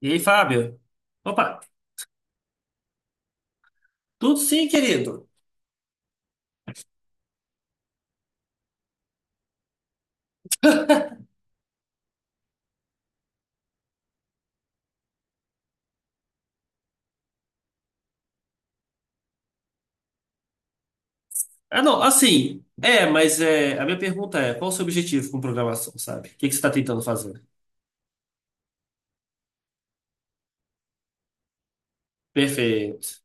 E aí, Fábio? Opa, tudo sim, querido. Ah, não, assim, é, mas é, a minha pergunta é, qual o seu objetivo com programação, sabe? O que que você está tentando fazer? Perfeito.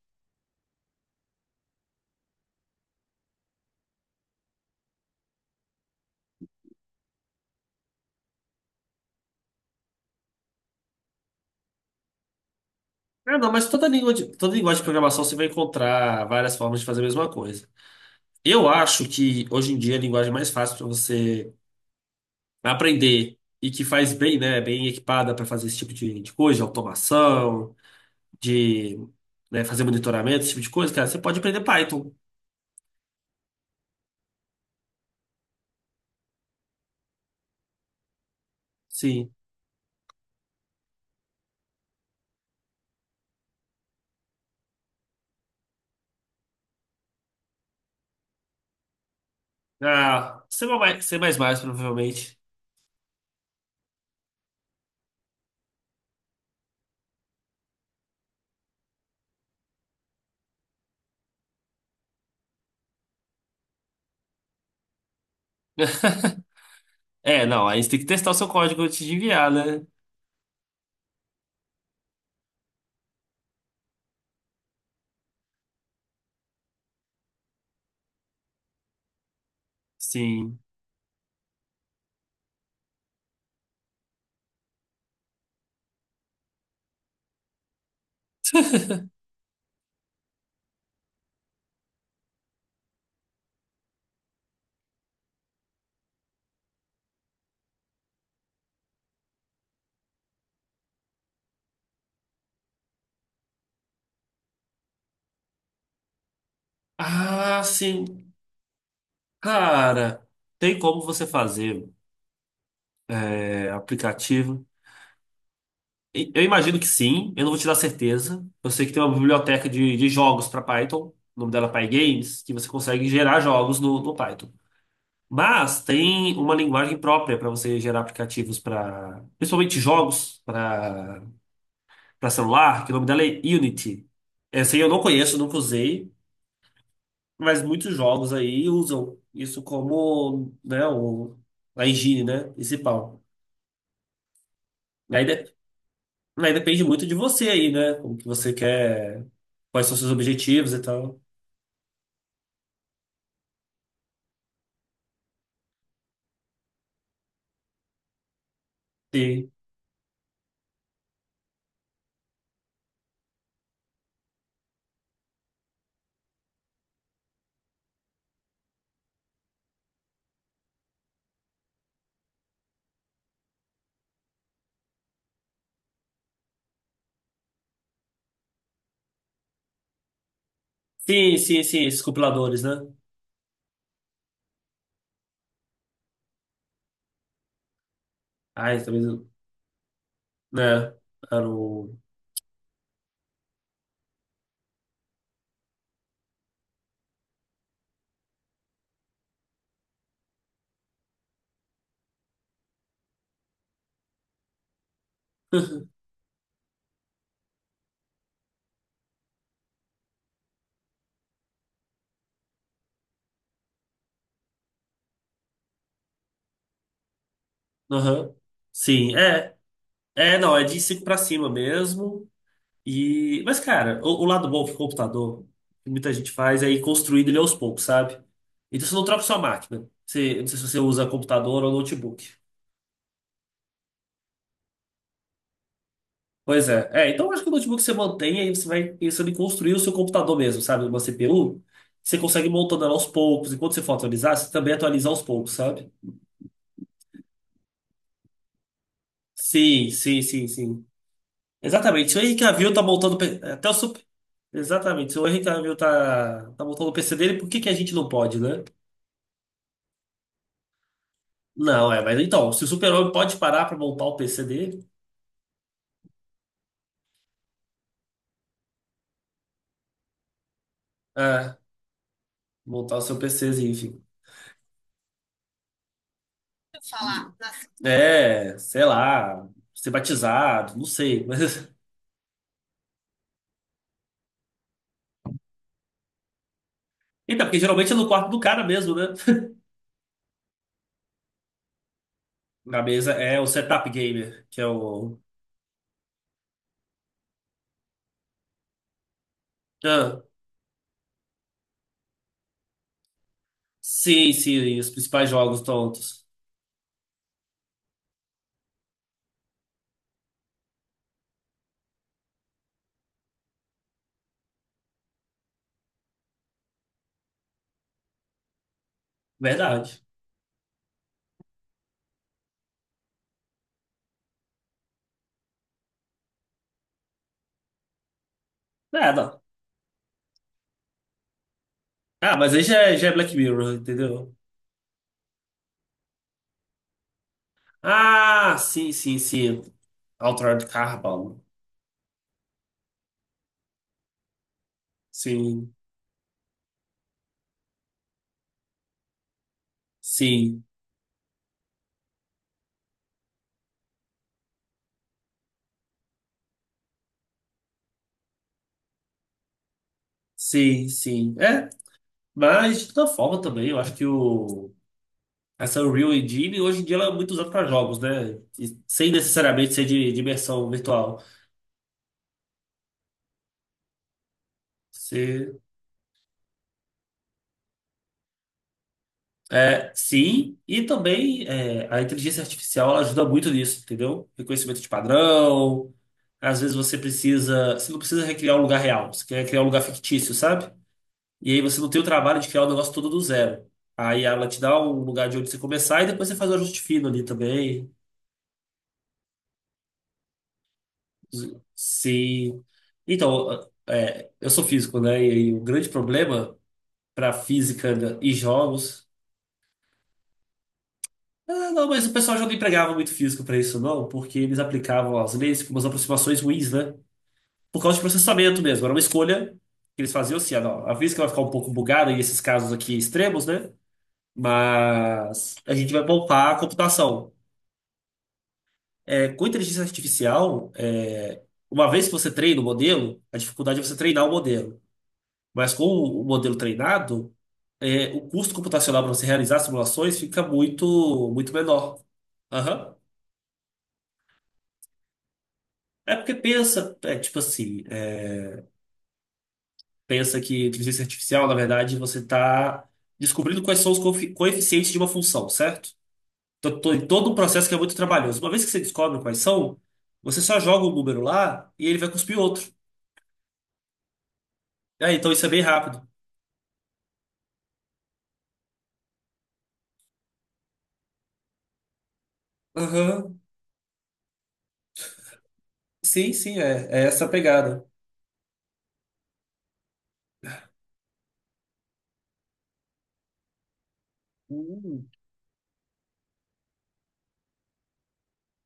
Ah, não, mas toda linguagem de programação você vai encontrar várias formas de fazer a mesma coisa. Eu acho que hoje em dia a linguagem mais fácil para você aprender e que faz bem, né, bem equipada para fazer esse tipo de coisa, de automação, de, né, fazer monitoramento, esse tipo de coisa, cara, você pode aprender Python. Sim. Ah, C++, C++, provavelmente. É, não, aí você tem que testar o seu código antes de enviar, né? Sim. Ah, sim. Cara, tem como você fazer aplicativo? Eu imagino que sim, eu não vou te dar certeza. Eu sei que tem uma biblioteca de jogos para Python, o nome dela é PyGames, que você consegue gerar jogos no Python. Mas tem uma linguagem própria para você gerar aplicativos para, principalmente jogos, para celular, que o nome dela é Unity. Essa aí eu não conheço, nunca usei, mas muitos jogos aí usam isso como, né, o, a higiene, né, principal. Aí, de- aí depende muito de você aí, né, como que você quer, quais são seus objetivos e tal. Sim, sim, sim, sim, esses compiladores, né? Ai, talvez, né, era o... Aham. Sim, é. É, não, é de 5 para cima mesmo. E, mas, cara, o lado bom do computador, que muita gente faz, é ir construindo ele aos poucos, sabe? Então você não troca sua máquina. Você, não sei se você usa computador ou notebook. Pois é. É, então eu acho que o notebook você mantém, aí você vai pensando em construir o seu computador mesmo, sabe? Uma CPU. Você consegue ir montando ela aos poucos. Enquanto você for atualizar, você também atualiza aos poucos, sabe? Sim, sim, sim, sim. Exatamente. Se o Henrique Cavill tá montando até o super... Exatamente. Se o Henrique Cavill tá montando o PC dele, por que que a gente não pode, né? Não, é, mas então, se o super-homem pode parar pra montar o PC dele, é, montar o seu PCzinho, enfim. Falar. É, sei lá, ser batizado, não sei. Mas... Então, porque geralmente é no quarto do cara mesmo, né? Na mesa é o setup gamer, que é o. Ah, sim, sim, os principais jogos tontos. Verdade. É, não. Ah, mas já é Black Mirror, entendeu? Ah, sim, sim, sim. Altered Carbon. Sim, sim, sim, sim. É. Mas, de toda forma, também, eu acho que essa Unreal Engine, hoje em dia, ela é muito usada para jogos, né? E sem necessariamente ser de imersão virtual. Você, é, sim, e também é, a inteligência artificial ela ajuda muito nisso, entendeu? Reconhecimento de padrão. Às vezes você precisa. Você não precisa recriar um lugar real, você quer criar um lugar fictício, sabe? E aí você não tem o trabalho de criar o negócio todo do zero. Aí ela te dá um lugar de onde você começar e depois você faz o ajuste fino ali também. Se. Então, é, eu sou físico, né? E aí o grande problema para física e jogos. Ah, não, mas o pessoal já não empregava muito físico para isso, não, porque eles aplicavam as leis com umas aproximações ruins, né? Por causa de processamento mesmo. Era uma escolha que eles faziam assim: ah, não, a física vai ficar um pouco bugada em esses casos aqui extremos, né? Mas a gente vai poupar a computação. É, com inteligência artificial, é, uma vez que você treina o modelo, a dificuldade é você treinar o modelo. Mas com o modelo treinado, é, o custo computacional para você realizar simulações fica muito, muito menor. Aham. É porque pensa, é tipo assim, é, pensa que inteligência artificial, na verdade, você está descobrindo quais são os coeficientes de uma função, certo? Então, todo um processo que é muito trabalhoso. Uma vez que você descobre quais são, você só joga um número lá e ele vai cuspir outro. Ah, então isso é bem rápido. Aham. Sim, sim, é, é essa a pegada. Hum.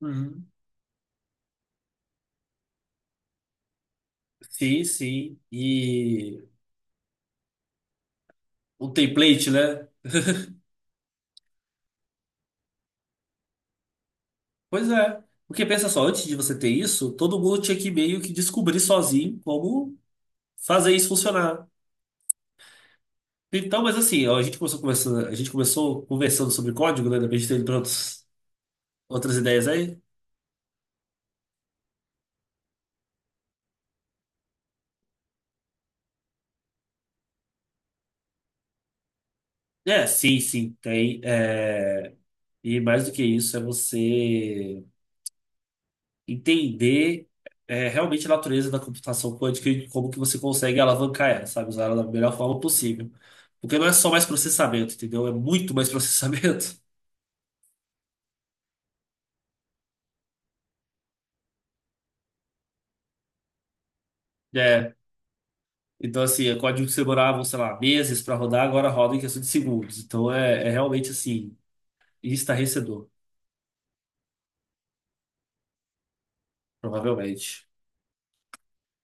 Uhum. Sim, sim. E um template, né? Pois é. Porque pensa só, antes de você ter isso, todo mundo tinha que meio que descobrir sozinho como fazer isso funcionar. Então, mas assim, ó, a gente começou conversando sobre código, né? Depois de ter ido outras ideias aí. É, sim, sim, tem. E mais do que isso, é você entender realmente a natureza da computação quântica e como que você consegue alavancar ela, sabe? Usar ela da melhor forma possível. Porque não é só mais processamento, entendeu? É muito mais processamento. É, então assim, é código que demorava, sei lá, meses para rodar, agora roda em questão de segundos. Então é realmente assim, estarrecedor, provavelmente.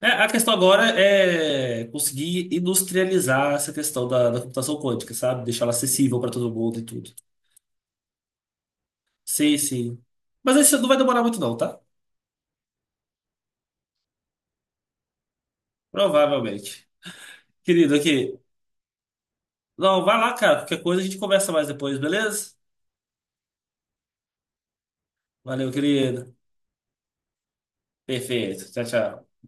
É, a questão agora é conseguir industrializar essa questão da computação quântica, sabe? Deixar ela acessível para todo mundo e tudo. Sim, sim. Mas isso não vai demorar muito não, tá? Provavelmente. Querido, aqui. Não, vai lá, cara. Qualquer coisa a gente conversa mais depois, beleza? Valeu, querido. Perfeito. Tchau, tchau.